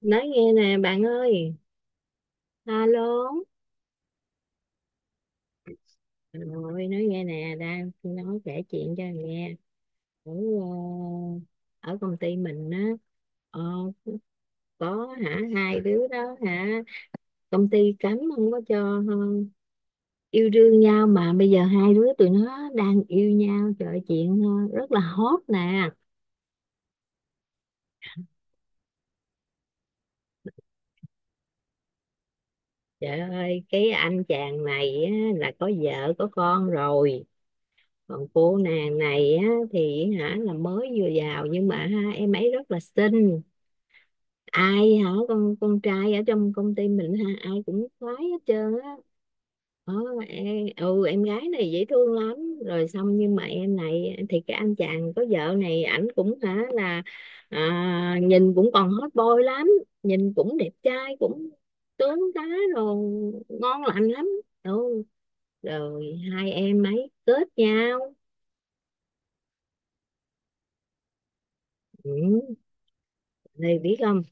Nói nghe nè bạn ơi. Alo. Rồi nói nghe nè, đang nói kể chuyện cho nghe. Ở ờ, ở công ty mình á. ờ, có hả, hai đứa đó hả, công ty cấm không có cho yêu đương nhau, mà bây giờ hai đứa tụi nó đang yêu nhau. Trời ơi, chuyện rất là hot nè. Trời ơi, cái anh chàng này á, là có vợ có con rồi. Còn cô nàng này á, thì hả, là mới vừa vào, nhưng mà ha, em ấy rất là xinh. Ai hả, con trai ở trong công ty mình ha ai cũng khoái hết trơn á. Ờ, em, em gái này dễ thương lắm. Rồi xong, nhưng mà em này thì cái anh chàng có vợ này, ảnh cũng hả là nhìn cũng còn hot boy lắm. Nhìn cũng đẹp trai, cũng tướng tá, rồi ngon lành lắm. Ừ. Rồi hai em ấy kết nhau. Ừ. Thì biết không,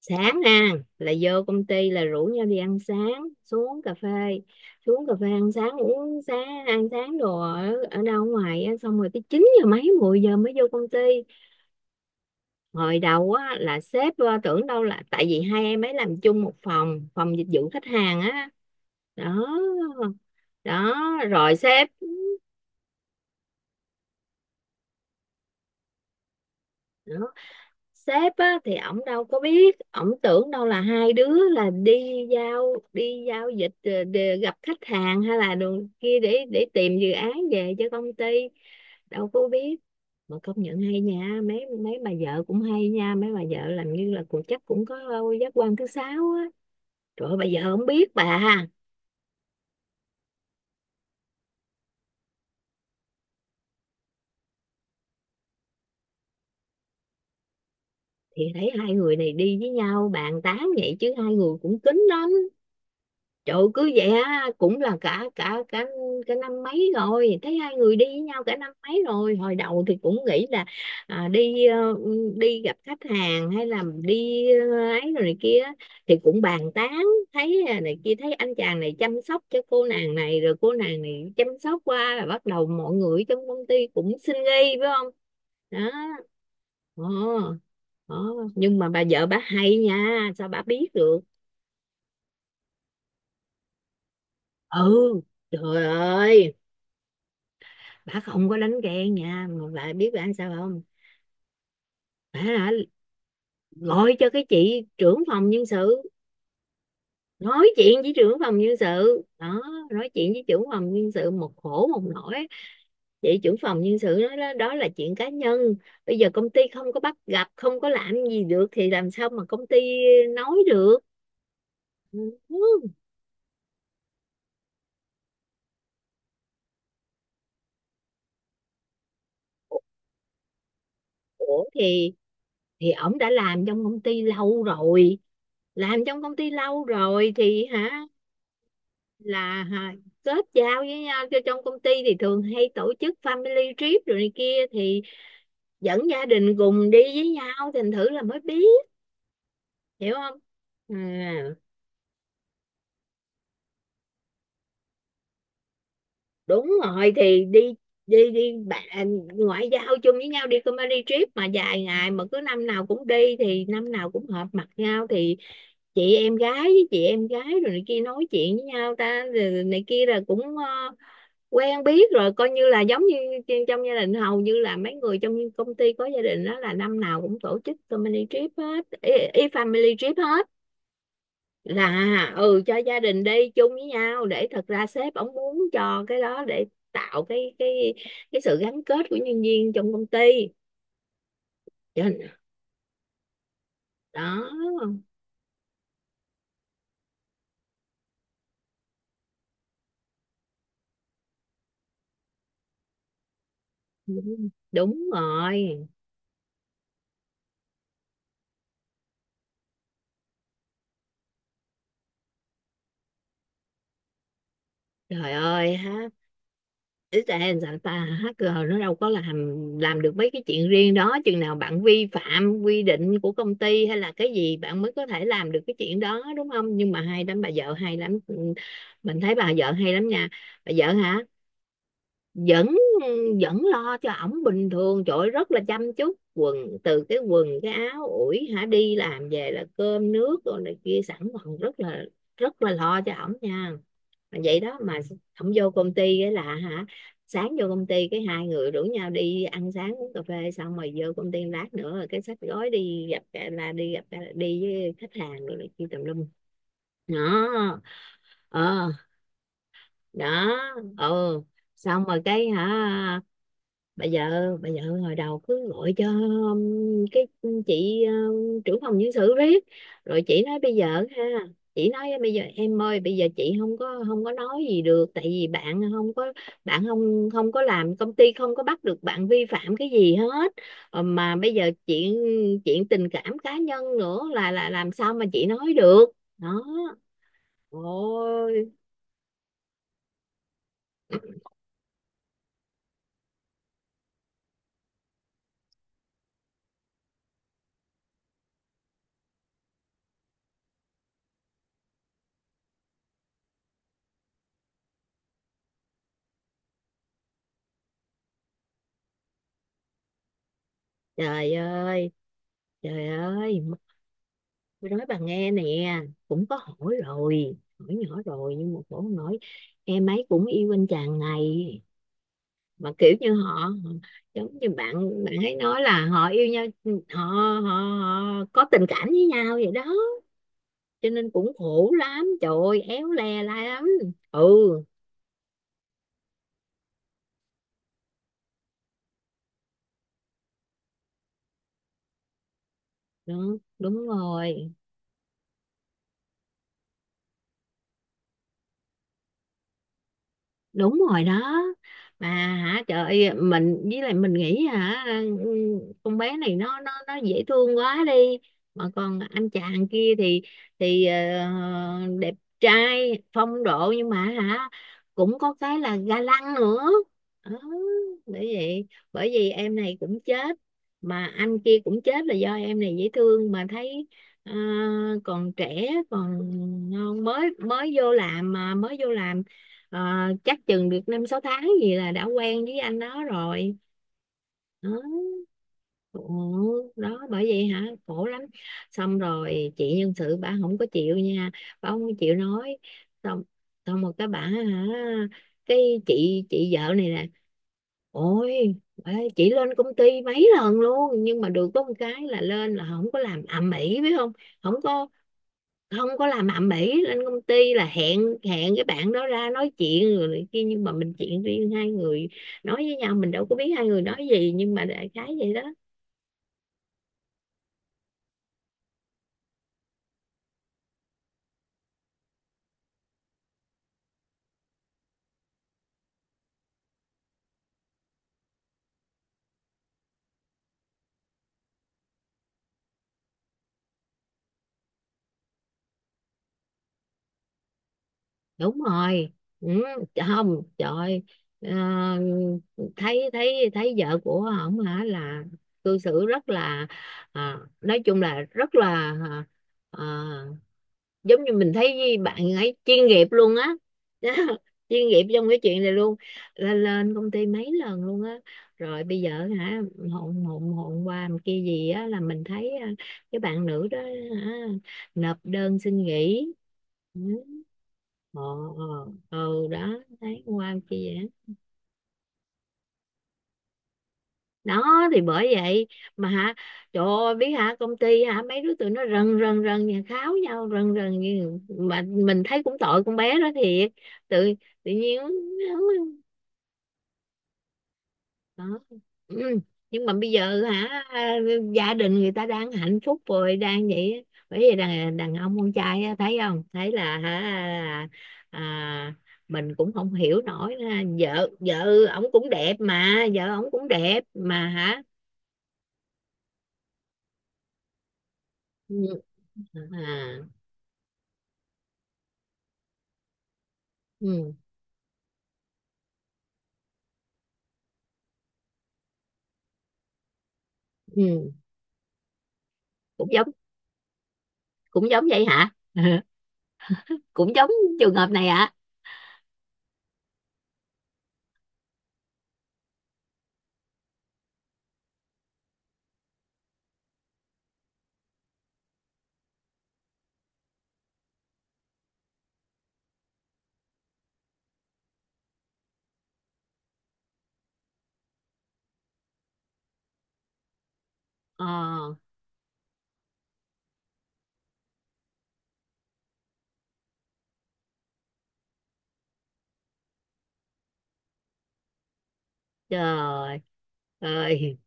sáng nè là vô công ty là rủ nhau đi ăn sáng, xuống cà phê. Xuống cà phê ăn sáng, uống sáng ăn sáng đồ ở, ở đâu ngoài á, xong rồi tới 9 giờ mấy, 10 giờ mới vô công ty. Hồi đầu á là sếp tưởng đâu là tại vì hai em ấy làm chung một phòng, phòng dịch vụ khách hàng á. Đó đó. Rồi sếp. Đó. Sếp á, thì ổng đâu có biết, ổng tưởng đâu là hai đứa là đi giao, đi giao dịch để gặp khách hàng, hay là đường kia để tìm dự án về cho công ty. Đâu có biết. Mà công nhận hay nha, mấy mấy bà vợ cũng hay nha, mấy bà vợ làm như là cũng chắc cũng có giác quan thứ sáu á. Trời ơi, bà vợ không biết bà. Thì thấy hai người này đi với nhau bàn tán vậy, chứ hai người cũng kín lắm. Trời ơi, cứ vậy á, cũng là cả cả cả cả năm mấy rồi thấy hai người đi với nhau cả năm mấy rồi. Hồi đầu thì cũng nghĩ là đi đi gặp khách hàng, hay là đi ấy rồi này kia, thì cũng bàn tán. Thấy này kia, thấy anh chàng này chăm sóc cho cô nàng này, rồi cô nàng này chăm sóc qua, là bắt đầu mọi người trong công ty cũng xin nghi phải không. Đó. ờ, ờ. Nhưng mà bà vợ bà hay nha, sao bà biết được. Ừ. Trời ơi, bà không có đánh ghen nha, mà bà biết bà sao không. Bà hả, gọi cho cái chị trưởng phòng nhân sự, nói chuyện với trưởng phòng nhân sự đó. Nói chuyện với trưởng phòng nhân sự một khổ một nỗi, chị trưởng phòng nhân sự nói đó, đó là chuyện cá nhân. Bây giờ công ty không có bắt gặp, không có làm gì được, thì làm sao mà công ty nói được. Ừ. Ủa thì ổng đã làm trong công ty lâu rồi. Làm trong công ty lâu rồi thì hả, là hả, kết giao với nhau cho trong công ty thì thường hay tổ chức family trip rồi này kia, thì dẫn gia đình cùng đi với nhau, thành thử là mới biết. Hiểu không. Ừ. Đúng rồi, thì đi, đi đi bạn, ngoại giao chung với nhau, đi company trip mà dài ngày, mà cứ năm nào cũng đi thì năm nào cũng hợp mặt nhau, thì chị em gái với chị em gái rồi này kia nói chuyện với nhau ta rồi này kia, là cũng quen biết rồi, coi như là giống như trong gia đình. Hầu như là mấy người trong công ty có gia đình đó là năm nào cũng tổ chức company trip hết, y family trip hết. Là ừ, cho gia đình đi chung với nhau để, thật ra sếp ổng muốn cho cái đó để tạo cái cái sự gắn kết của nhân viên trong công ty. Cho nên. Đó. Đúng, đúng rồi. Trời ơi ha, Israel sao ta, hacker nó đâu có làm được mấy cái chuyện riêng đó. Chừng nào bạn vi phạm quy định của công ty hay là cái gì, bạn mới có thể làm được cái chuyện đó đúng không. Nhưng mà hay lắm, bà vợ hay lắm. Ừ. Mình thấy bà vợ hay lắm nha. Bà vợ hả, vẫn vẫn lo cho ổng bình thường. Trời ơi, rất là chăm chút quần, từ cái quần cái áo ủi hả, đi làm về là cơm nước rồi này kia sẵn, còn rất là, rất là lo cho ổng nha. Mà vậy đó mà ổng vô công ty cái là hả, sáng vô công ty cái hai người rủ nhau đi ăn sáng uống cà phê, xong rồi vô công ty lát nữa, rồi cái xách gói đi gặp, là đi gặp, đi với khách hàng rồi này kia tùm lum. Đó. Ờ. Đó. Ừ. Xong rồi cái hả, bà vợ, bà vợ hồi đầu cứ gọi cho cái chị, trưởng phòng nhân sự riết. Rồi chị nói bây giờ ha, chị nói bây giờ em ơi, bây giờ chị không có, không có nói gì được, tại vì bạn không có, bạn không không có làm, công ty không có bắt được bạn vi phạm cái gì hết. Ờ, mà bây giờ chuyện, chuyện tình cảm cá nhân nữa là làm sao mà chị nói được. Đó. Ôi. Trời ơi. Trời ơi. Tôi nói bà nghe nè, cũng có hỏi rồi, hỏi nhỏ rồi, nhưng mà cổ nói em ấy cũng yêu anh chàng này. Mà kiểu như họ, giống như bạn bạn ấy nói là họ yêu nhau, họ, họ, họ có tình cảm với nhau vậy đó. Cho nên cũng khổ lắm, trời ơi éo le la lắm. Ừ. Đúng, đúng rồi. Đúng rồi đó. Mà hả, trời ơi, mình với lại mình nghĩ hả, ừ, con bé này nó dễ thương quá đi. Mà còn anh chàng kia thì đẹp trai phong độ, nhưng mà hả cũng có cái là ga lăng nữa. Đó. Bởi vậy, bởi vì em này cũng chết, mà anh kia cũng chết là do em này dễ thương, mà thấy ờ, còn trẻ còn ngon, mới mới vô làm mà mới vô làm. Ờ, chắc chừng được năm sáu tháng gì là đã quen với anh đó rồi. Đó. Ồ, đó bởi vậy hả, khổ lắm. Xong rồi chị nhân sự bà không có chịu nha, bà không có chịu nói. Xong Xong một cái bà hả, cái chị vợ này nè, ôi bà ơi, chị lên công ty mấy lần luôn, nhưng mà được có một cái là lên là không có làm ầm ĩ biết không. Không có, không có làm ầm ĩ, lên công ty là hẹn hẹn cái bạn đó ra nói chuyện rồi này kia, nhưng mà mình chuyện riêng hai người nói với nhau, mình đâu có biết hai người nói gì, nhưng mà đại khái vậy đó. Đúng rồi. Ừ, không trời. ờ, Thấy, thấy vợ của ổng hả, là cư xử rất là nói chung là rất là, à, ờ, giống như mình thấy bạn ấy chuyên nghiệp luôn á. Chuyên nghiệp trong cái chuyện này luôn. Là lên công ty mấy lần luôn á. Rồi bây giờ hả, hôm hôm hôm qua một kia gì á, là mình thấy cái bạn nữ đó hả, nộp đơn xin nghỉ. Ừ. ờ, Đó thấy qua một kia vậy á. Đó thì bởi vậy, mà hả, trời ơi biết hả, công ty hả mấy đứa tụi nó rần rần rần nhà kháo nhau rần rần, như mà mình thấy cũng tội con bé đó thiệt. Tự Tự nhiên. Đó. Ừ. Nhưng mà bây giờ hả, gia đình người ta đang hạnh phúc rồi đang vậy á. Bởi vì đàn đàn ông con trai á, thấy không, thấy là hả à, mình cũng không hiểu nổi ha. Vợ Vợ ổng cũng đẹp, mà vợ ổng cũng đẹp mà hả. Ừ. À. Ừ. Ừ. Cũng giống, cũng giống vậy hả. Cũng giống trường hợp này hả. Ờ. Trời ơi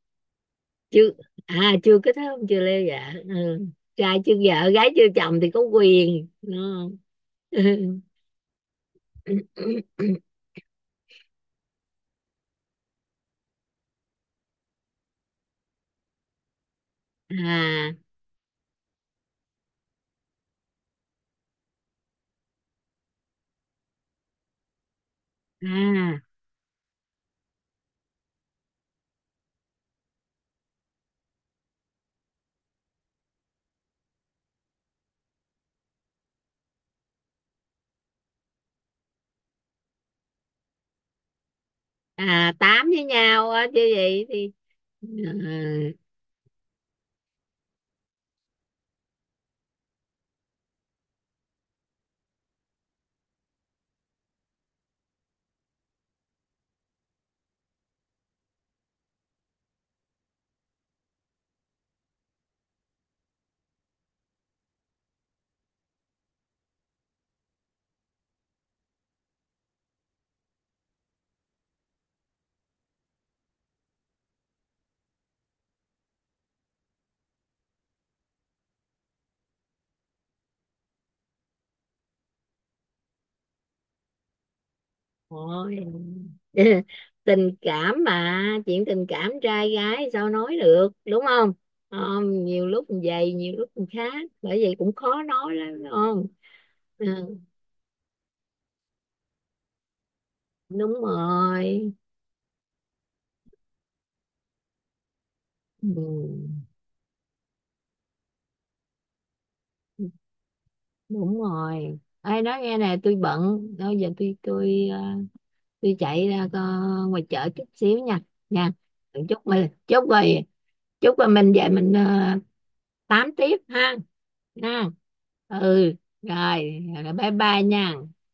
chưa. À chưa kết hôn chưa lê dạ. Ừ. Trai chưa vợ gái chưa chồng thì có quyền. Ừ. À. À. À tám với nhau á chứ gì thì. Ừ. Ôi. Tình cảm mà, chuyện tình cảm trai gái sao nói được đúng không. Không, nhiều lúc mình vậy nhiều lúc mình khác, bởi vậy cũng khó nói lắm đúng không. Ừ, đúng rồi. Ừ, đúng rồi. Ai nói nghe nè, tôi bận bây giờ, tôi tôi chạy ra ngoài chợ chút xíu nha. Nha. Chúc mình, chúc rồi, chúc rồi mình về mình tám tiếp ha. Nha. Ừ. Rồi, rồi bye bye nha.